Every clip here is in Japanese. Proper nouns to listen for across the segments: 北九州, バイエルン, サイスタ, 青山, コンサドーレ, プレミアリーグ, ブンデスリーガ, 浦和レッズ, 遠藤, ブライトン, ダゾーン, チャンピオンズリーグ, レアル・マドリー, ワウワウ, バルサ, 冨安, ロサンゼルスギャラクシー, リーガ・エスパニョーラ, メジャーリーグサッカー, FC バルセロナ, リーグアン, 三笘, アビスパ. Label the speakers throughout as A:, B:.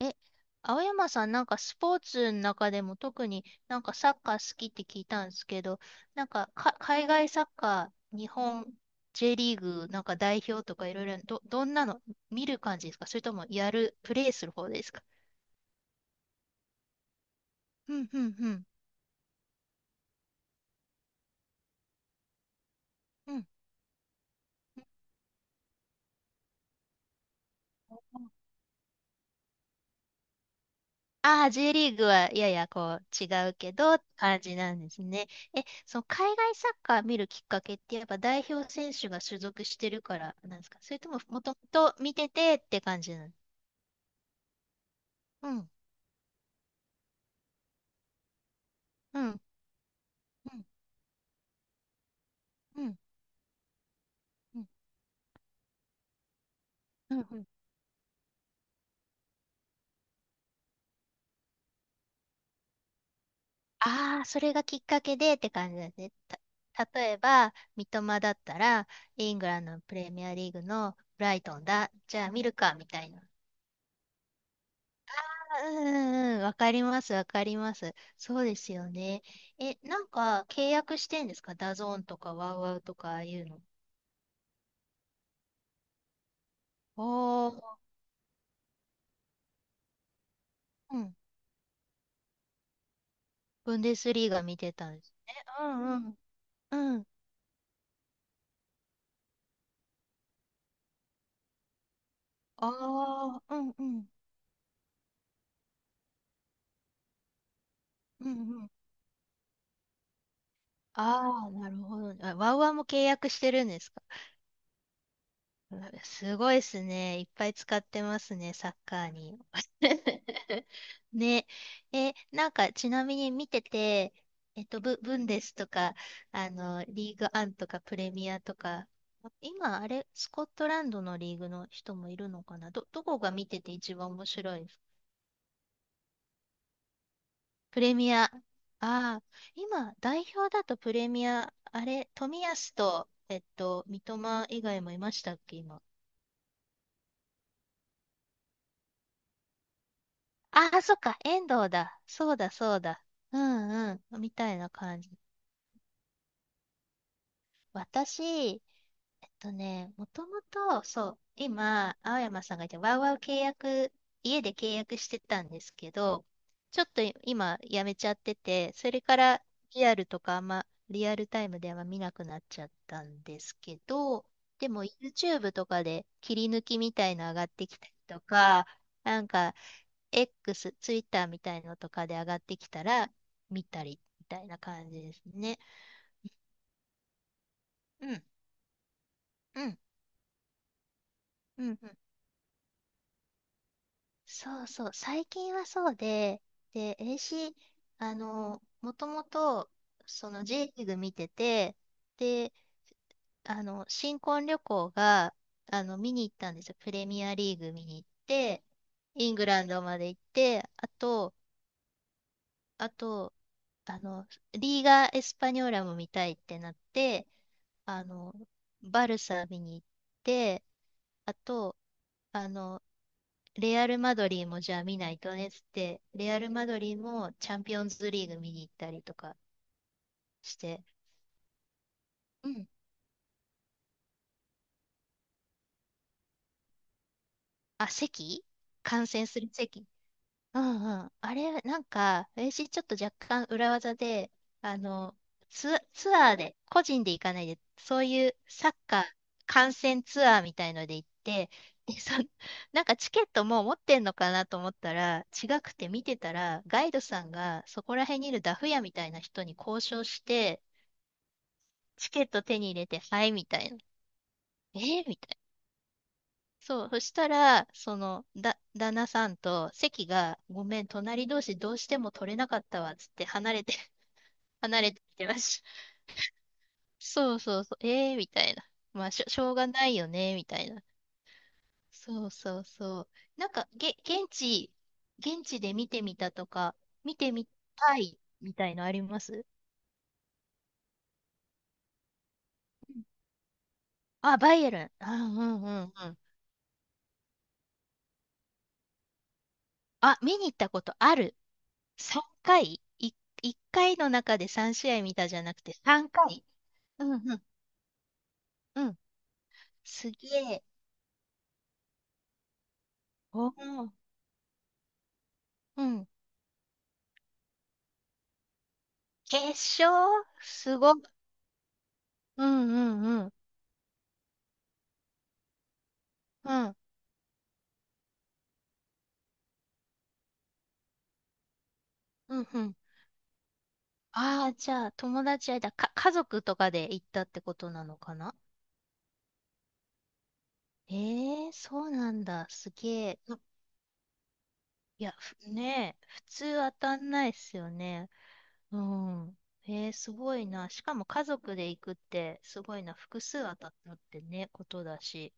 A: え、青山さん、なんかスポーツの中でも特になんかサッカー好きって聞いたんですけど、なんか、海外サッカー、日本 J リーグ、なんか代表とかいろいろ、どんなの見る感じですか？それともプレイする方ですか？うん、うん、うん。うん。ああ、J リーグはややこう違うけどって感じなんですね。え、その海外サッカー見るきっかけってやっぱ代表選手が所属してるからなんですか？それとももともと見ててって感じなの？うん、うん、うん、うん、うん、うん。うん。ああ、それがきっかけでって感じですね。例えば、三笘だったら、イングランドのプレミアリーグのブライトンだ。じゃあ見るか、みたいな。うんうんうん、わかります、わかります。そうですよね。え、なんか契約してんですか？ダゾーンとかワウワウとかああいうの。おおうん。ブンデスリーガ見てたんですね。うんうん。うん。ああ、うんうん。うんうん。ああ、なるほどね。あ、ワウワウも契約してるんですか？うわすごいですね。いっぱい使ってますね、サッカーに。ね。え、なんか、ちなみに見てて、えっと、ブンデスとか、あの、リーグアンとか、プレミアとか、今、あれ、スコットランドのリーグの人もいるのかな、どこが見てて一番面白い？プレミア。ああ、今、代表だとプレミア、あれ、冨安と、えっと、三笘以外もいましたっけ、今。ああ、そっか、遠藤だ。そうだ、そうだ。うんうん、みたいな感じ。私、えっとね、もともと、そう、今、青山さんが言って、ワウワウ契約、家で契約してたんですけど、ちょっと今、やめちゃってて、それからリアルとかあんま、リアルタイムでは見なくなっちゃったんですけど、でも YouTube とかで切り抜きみたいの上がってきたりとか、なんか X、Twitter みたいのとかで上がってきたら見たりみたいな感じですね。うん、うん、うん、うん。そうそう、最近はそうで、で、AC、もともと、その J リーグ見てて、で、あの、新婚旅行が、あの、見に行ったんですよ。プレミアリーグ見に行って、イングランドまで行って、あと、あと、あの、リーガ・エスパニョーラも見たいってなって、あの、バルサ見に行って、あと、あの、レアル・マドリーもじゃあ見ないとねっつって、レアル・マドリーもチャンピオンズリーグ見に行ったりとかして、うん。あ、席観戦する席。うんうん。あれ、なんか、私ちょっと若干裏技で、あの、ツアーで、個人で行かないで、そういうサッカー観戦ツアーみたいので行って、で、そ、なんかチケットもう持ってんのかなと思ったら、違くて見てたら、ガイドさんがそこら辺にいるダフ屋みたいな人に交渉して、チケット手に入れて、はい、みたいな。えーみたいな。そう、そしたら、旦那さんと席が、ごめん、隣同士どうしても取れなかったわ、つって離れて、離れてきてました。そうそうそう、えーみたいな。まあ、しょうがないよね、みたいな。そうそうそう。なんか、げ、現地、現地で見てみたとか、見てみたい、みたいのあります？あ、バイエルン。あ、うんうんうん。あ、見に行ったことある。3回、1回の中で3試合見たじゃなくて3回。うんうん、うん。すげえ。おーうん。決勝すごっ。うんうんうん。うん、うんうん。ああ、じゃあ友達間、か、家族とかで行ったってことなのかな？ええー、そうなんだ。すげえ。うん。いや、ふねえ、普通当たんないっすよね。うん。えー、すごいな。しかも家族で行くって、すごいな。複数当たったってね、ことだし。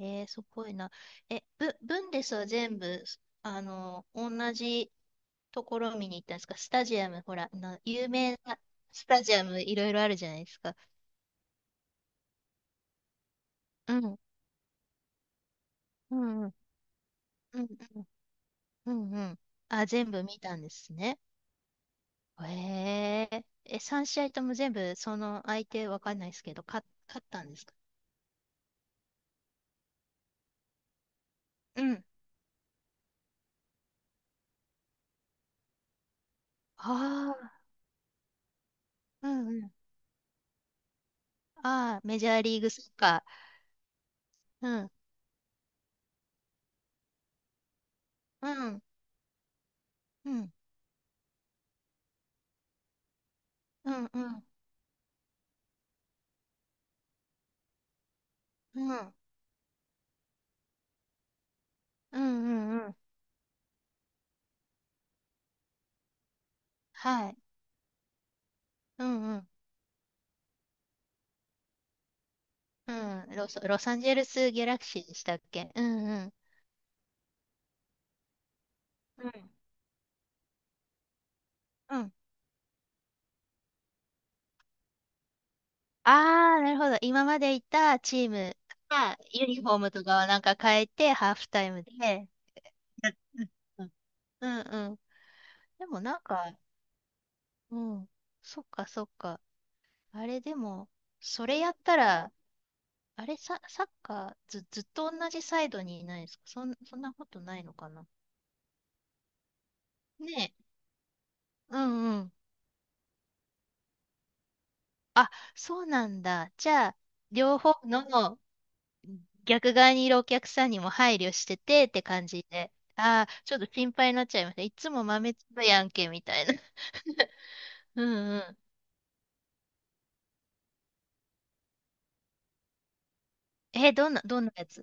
A: えー、すごいな。え、ブンデスは全部、あの、同じところ見に行ったんですか？スタジアム、ほら、有名なスタジアムいろいろあるじゃないですか。うん、うん、うん、うん、うん、うんうん。あ、全部見たんですね。へえ、え、3試合とも全部、その相手わかんないですけど、勝ったんですか？うん。あ、うんうん。ああ、メジャーリーグサッカー。うん。うん。うん。うん。うん。うん。うん。うんうん。はい。うん。うん。うん。ロス、ロサンゼルスギャラクシーでしたっけ？うんうん。うん。うん。ああ、なるほど。今までいたチームがユニフォームとかをなんか変えて、ハーフタイムで。うんうんうんうん。でもなんか、うん。そっかそっか。あれでも、それやったら、あれ、サ、サッカーず、ずっと同じサイドにいないですか？そんなことないのかな？ねえ。うんうん。あ、そうなんだ。じゃあ、両方の逆側にいるお客さんにも配慮しててって感じで。ああ、ちょっと心配になっちゃいました。いつも豆粒やんけ、みたいな。うんうん。え、どんなやつ？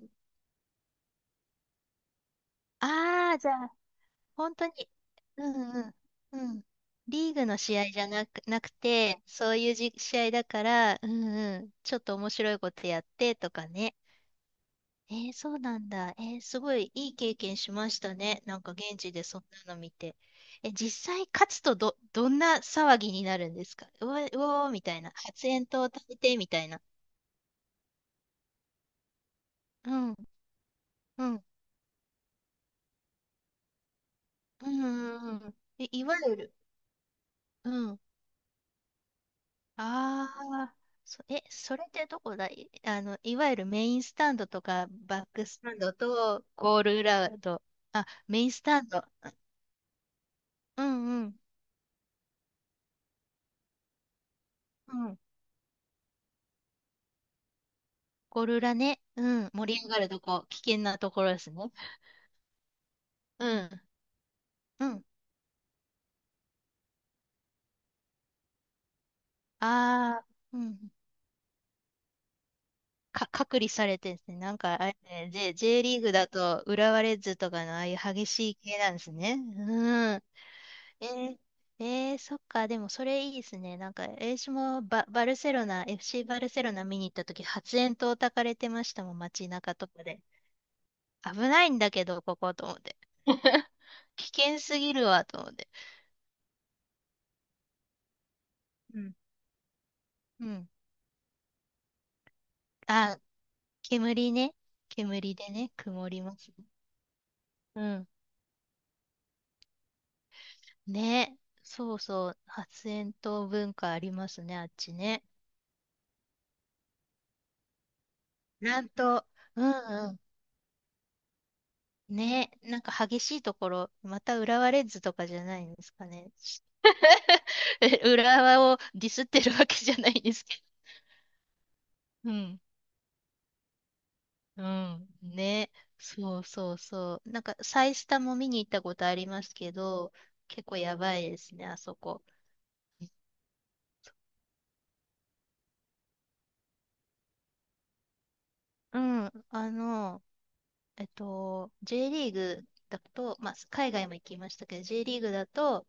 A: ああー、じゃあ、本当に、うんうん、うん。リーグの試合じゃなく、なくて、そういう試合だから、うん。うん、ちょっと面白いことやってとかね。えーそうなんだ。えーすごいいい経験しましたね。なんか現地でそんなの見て。え、実際勝つとどんな騒ぎになるんですか？うわ、うおーみたいな。発煙筒を食べてみたいな。うん、うん、うん、うん、うん。いわゆる、うん。ああ、それってどこだい、あの、いわゆるメインスタンドとか、バックスタンドとゴール裏と、あ、メインスタンド。うんうん。うん。ゴール裏ね。うん。盛り上がるとこ、危険なところですね。うん。うん。ああ、うん。隔離されてですね。なんか、あれね、J リーグだと、浦和レッズとかのああいう激しい系なんですね。うん。えー、えーそっか、でもそれいいですね。なんか、私もバルセロナ、FC バルセロナ見に行った時、発煙筒焚かれてましたもん、街中とかで。危ないんだけど、ここと思って。危険すぎるわ、と思って。うん。うん。あ、煙ね。煙でね、曇りますね。うん。ね。そうそう。発煙筒文化ありますね、あっちね。なんと、うんうん。ね、なんか激しいところ、また浦和レッズとかじゃないんですかね。え浦和をディスってるわけじゃないんですけど。うん。うん。ね。そうそうそう。なんか、サイスタも見に行ったことありますけど、結構やばいですね、あそこ。うん。あの、えっと、J リーグだと、まあ、海外も行きましたけど、J リーグだと、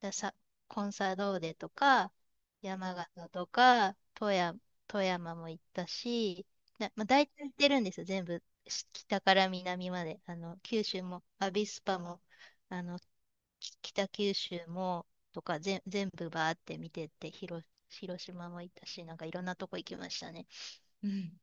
A: ださ、コンサドーレとか、山形とか、富山、富山も行ったし、まあ、大体行ってるんですよ、全部。北から南まで。あの、九州も、アビスパも、あの、北九州も、とか、全部バーって見てって、広島も行ったし、なんかいろんなとこ行きましたね。うん。